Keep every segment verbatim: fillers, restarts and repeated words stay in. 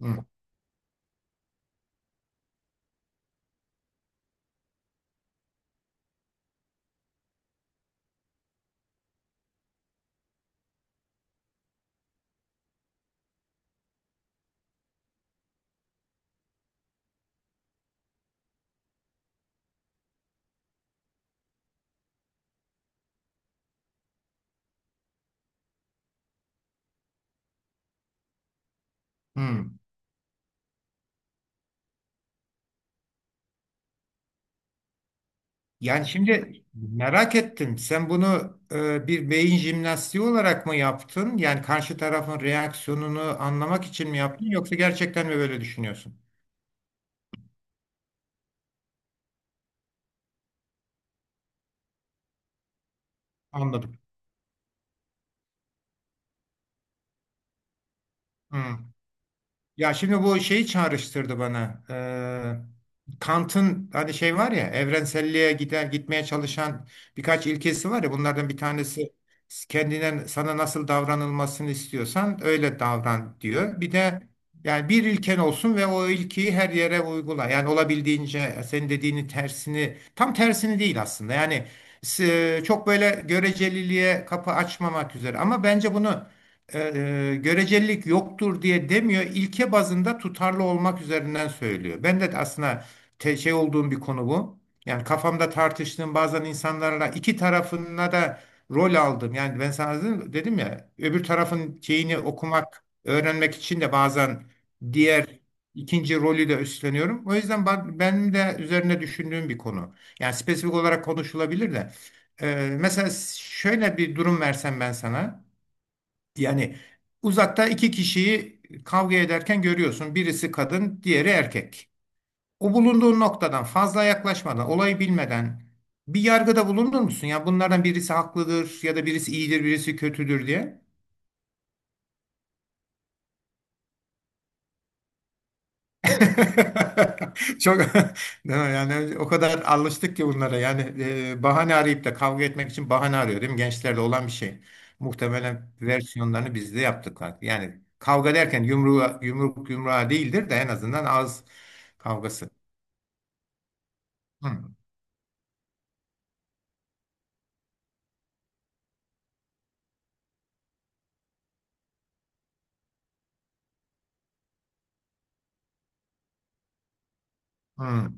Hı, hı. Yani şimdi merak ettim. Sen bunu e, bir beyin jimnastiği olarak mı yaptın? Yani karşı tarafın reaksiyonunu anlamak için mi yaptın? Yoksa gerçekten mi böyle düşünüyorsun? Anladım. Hı. Ya şimdi bu şeyi çağrıştırdı bana. Ee, Kant'ın hani şey var ya evrenselliğe gider gitmeye çalışan birkaç ilkesi var ya bunlardan bir tanesi kendine sana nasıl davranılmasını istiyorsan öyle davran diyor. Bir de yani bir ilken olsun ve o ilkiyi her yere uygula. Yani olabildiğince senin dediğini tersini tam tersini değil aslında. Yani s- çok böyle göreceliliğe kapı açmamak üzere ama bence bunu e, görecelilik yoktur diye demiyor. İlke bazında tutarlı olmak üzerinden söylüyor. Ben de aslında te- şey olduğum bir konu bu. Yani kafamda tartıştığım bazen insanlarla iki tarafına da rol aldım. Yani ben sana dedim, dedim ya öbür tarafın şeyini okumak, öğrenmek için de bazen diğer ikinci rolü de üstleniyorum. O yüzden ben, benim de üzerine düşündüğüm bir konu. Yani spesifik olarak konuşulabilir de. E, mesela şöyle bir durum versem ben sana. Yani uzakta iki kişiyi kavga ederken görüyorsun. Birisi kadın, diğeri erkek. O bulunduğun noktadan fazla yaklaşmadan, olayı bilmeden bir yargıda bulunur musun? Ya bunlardan birisi haklıdır ya da birisi iyidir, birisi kötüdür diye. Çok değil mi? Yani o kadar alıştık ki bunlara. Yani e, bahane arayıp da kavga etmek için bahane arıyor değil mi? Gençlerde olan bir şey. Muhtemelen versiyonlarını biz de yaptık. Yani kavga derken yumruğa, yumruk yumruğa değildir de en azından ağız kavgası. Hı, hı,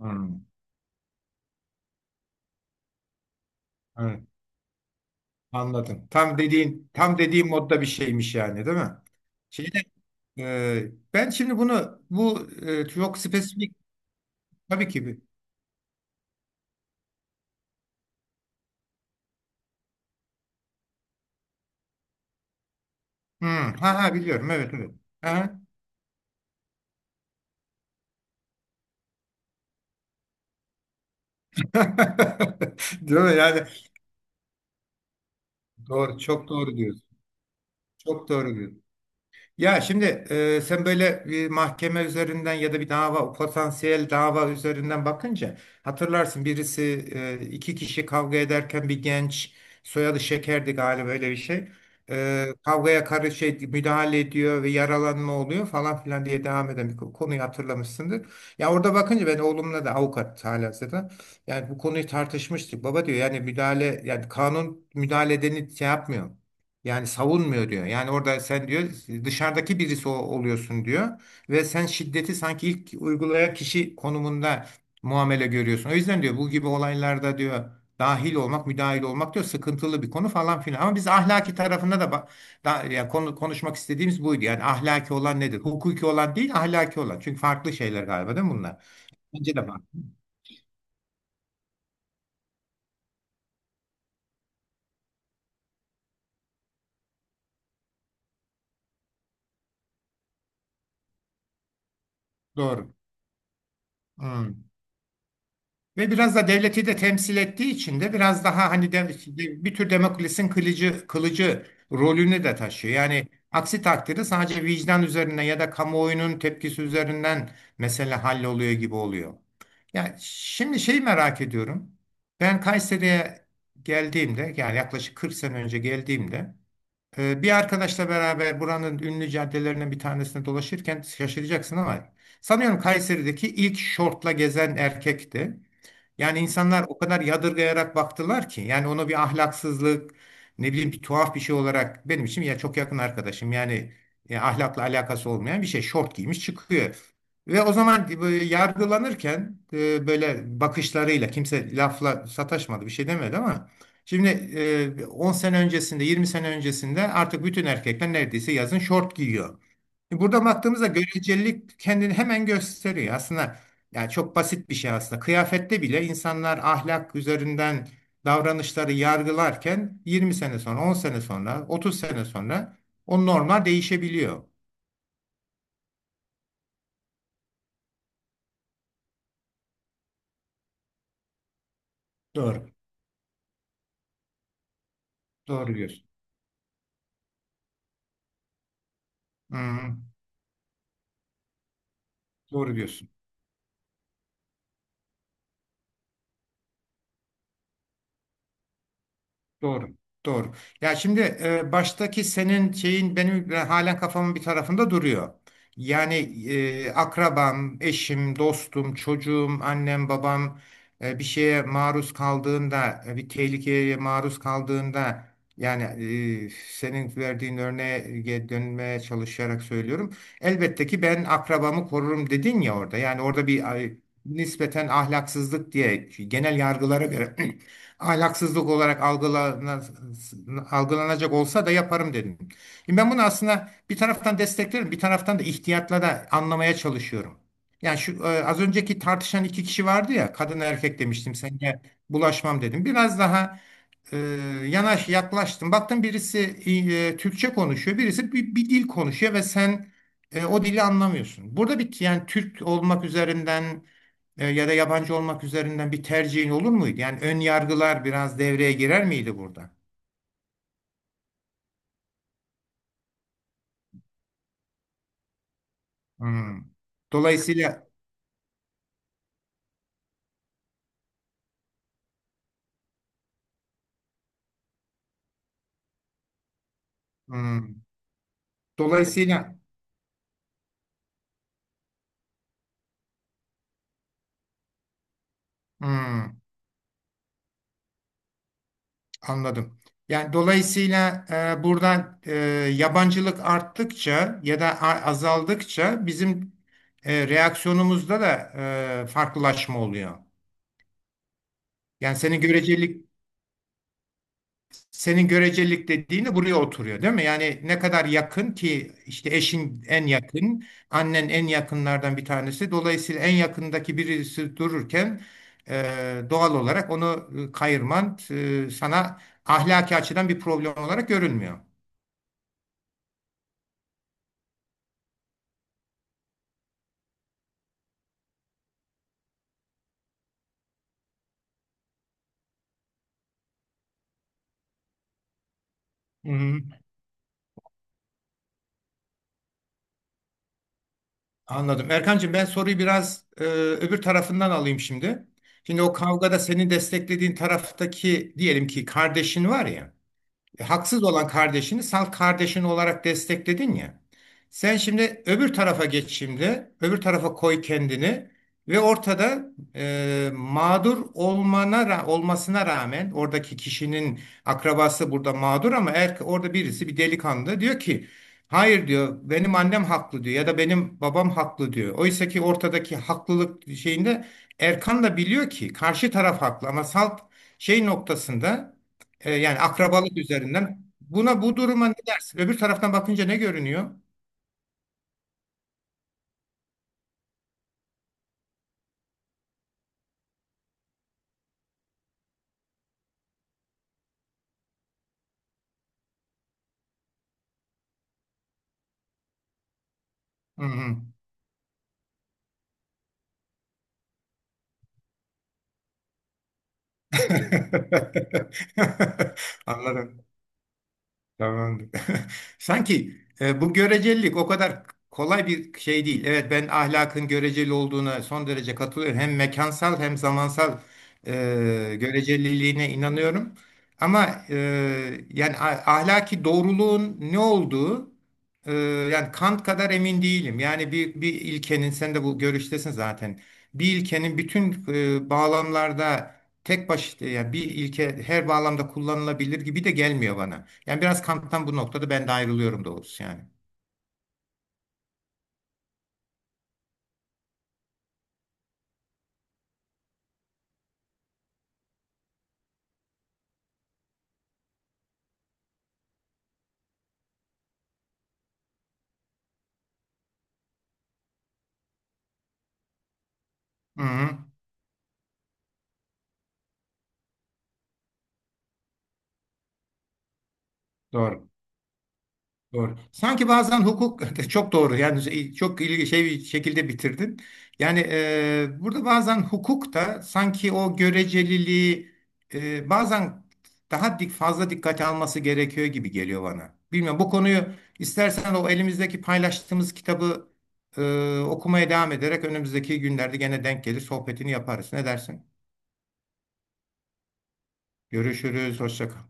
hı. Evet, anladım. Tam dediğin tam dediğim modda bir şeymiş yani değil mi? Şeyde e, ben şimdi bunu bu e, çok spesifik tabii ki. Hmm, ha ha biliyorum, evet evet. Ha. Değil mi? Yani doğru çok doğru diyorsun. Çok doğru diyorsun. Ya şimdi e, sen böyle bir mahkeme üzerinden ya da bir dava, potansiyel dava üzerinden bakınca hatırlarsın birisi, e, iki kişi kavga ederken bir genç, soyadı Şeker'di galiba öyle bir şey. E, kavgaya karış şey, müdahale ediyor ve yaralanma oluyor falan filan diye devam eden bir konuyu hatırlamışsındır. Ya orada bakınca, ben oğlumla da avukat halihazırda yani bu konuyu tartışmıştık. Baba diyor, yani müdahale, yani kanun müdahale edeni şey yapmıyor. Yani savunmuyor diyor. Yani orada sen diyor dışarıdaki birisi o- oluyorsun diyor ve sen şiddeti sanki ilk uygulayan kişi konumunda muamele görüyorsun. O yüzden diyor bu gibi olaylarda diyor dahil olmak, müdahil olmak diyor sıkıntılı bir konu falan filan. Ama biz ahlaki tarafında da, ba- da yani konu, konuşmak istediğimiz buydu. Yani ahlaki olan nedir? Hukuki olan değil, ahlaki olan. Çünkü farklı şeyler galiba, değil mi bunlar? Bence de bak. Doğru. Hmm. Ve biraz da devleti de temsil ettiği için de biraz daha hani de, bir tür Demokles'in kılıcı, kılıcı rolünü de taşıyor. Yani aksi takdirde sadece vicdan üzerinden ya da kamuoyunun tepkisi üzerinden mesele halloluyor gibi oluyor. Yani şimdi şeyi merak ediyorum. Ben Kayseri'ye geldiğimde, yani yaklaşık kırk sene önce geldiğimde, e, bir arkadaşla beraber buranın ünlü caddelerinden bir tanesinde dolaşırken, şaşıracaksın ama sanıyorum Kayseri'deki ilk şortla gezen erkekti. Yani insanlar o kadar yadırgayarak baktılar ki, yani onu bir ahlaksızlık, ne bileyim, bir tuhaf bir şey olarak, benim için ya çok yakın arkadaşım yani, e, ahlakla alakası olmayan bir şey, şort giymiş çıkıyor. Ve o zaman e, böyle yargılanırken e, böyle bakışlarıyla, kimse lafla sataşmadı, bir şey demedi ama şimdi, e, on sene öncesinde, yirmi sene öncesinde, artık bütün erkekler neredeyse yazın şort giyiyor. Burada baktığımızda görecelilik kendini hemen gösteriyor. Aslında yani çok basit bir şey aslında. Kıyafette bile insanlar ahlak üzerinden davranışları yargılarken yirmi sene sonra, on sene sonra, otuz sene sonra o normlar değişebiliyor. Doğru. Doğru diyorsun. Hı, hı. doğru diyorsun. Doğru. Doğru. Ya şimdi e, baştaki senin şeyin benim e, halen kafamın bir tarafında duruyor. Yani e, akrabam, eşim, dostum, çocuğum, annem, babam e, bir şeye maruz kaldığında, e, bir tehlikeye maruz kaldığında, yani e, senin verdiğin örneğe dönmeye çalışarak söylüyorum. Elbette ki ben akrabamı korurum dedin ya orada. Yani orada bir ay, nispeten ahlaksızlık diye, genel yargılara göre ahlaksızlık olarak algılana- algılanacak olsa da yaparım dedim. Şimdi ben bunu aslında bir taraftan desteklerim, bir taraftan da ihtiyatla da anlamaya çalışıyorum. Yani şu e, az önceki tartışan iki kişi vardı ya, kadın erkek demiştim, sen bulaşmam dedim. Biraz daha e, yanaş yaklaştın. Baktın birisi e, Türkçe konuşuyor, birisi bir, bir dil konuşuyor ve sen e, o dili anlamıyorsun. Burada bir, yani Türk olmak üzerinden e, ya da yabancı olmak üzerinden bir tercihin olur muydu? Yani ön yargılar biraz devreye girer miydi burada? Hmm. Dolayısıyla, hmm. Dolayısıyla, hmm. Anladım. Yani dolayısıyla e, buradan, e, yabancılık arttıkça ya da a- azaldıkça bizim e, reaksiyonumuzda da e, farklılaşma oluyor. Yani senin görecelik senin görecelik dediğin de buraya oturuyor, değil mi? Yani ne kadar yakın ki işte eşin en yakın, annen en yakınlardan bir tanesi. Dolayısıyla en yakındaki birisi dururken e, doğal olarak onu e, kayırman e, sana ahlaki açıdan bir problem olarak görünmüyor. Hı-hı. Anladım. Erkancığım, ben soruyu biraz e, öbür tarafından alayım şimdi. Şimdi o kavgada seni desteklediğin taraftaki, diyelim ki kardeşin var ya. E, haksız olan kardeşini salt kardeşin olarak destekledin ya. Sen şimdi öbür tarafa geç şimdi. Öbür tarafa koy kendini ve ortada, e, mağdur olmana ra- olmasına rağmen oradaki kişinin akrabası burada mağdur, ama er, orada birisi, bir delikanlı diyor ki hayır diyor, benim annem haklı diyor ya da benim babam haklı diyor. Oysa ki ortadaki haklılık şeyinde Erkan da biliyor ki karşı taraf haklı, ama salt şey noktasında, e, yani akrabalık üzerinden. Buna bu duruma ne dersin? Öbür taraftan bakınca ne görünüyor? Hı hı. Anladım. Tamam. Sanki e, bu görecelilik o kadar kolay bir şey değil. Evet, ben ahlakın göreceli olduğuna son derece katılıyorum. Hem mekansal hem zamansal e, göreceliliğine inanıyorum. Ama e, yani a- ahlaki doğruluğun ne olduğu, e, yani Kant kadar emin değilim. Yani bir, bir ilkenin, sen de bu görüştesin zaten. Bir ilkenin bütün e, bağlamlarda tek başına, yani bir ilke her bağlamda kullanılabilir gibi de gelmiyor bana. Yani biraz Kant'tan bu noktada ben de ayrılıyorum doğrusu yani. Hı hı. Doğru. Doğru. Sanki bazen hukuk, çok doğru, yani şey, çok ilgi şey bir şekilde bitirdin. Yani e, burada bazen hukuk da sanki o göreceliliği, e, bazen daha dik fazla dikkate alması gerekiyor gibi geliyor bana. Bilmiyorum, bu konuyu istersen o elimizdeki paylaştığımız kitabı e, okumaya devam ederek önümüzdeki günlerde gene denk gelir, sohbetini yaparız. Ne dersin? Görüşürüz. Hoşça kal.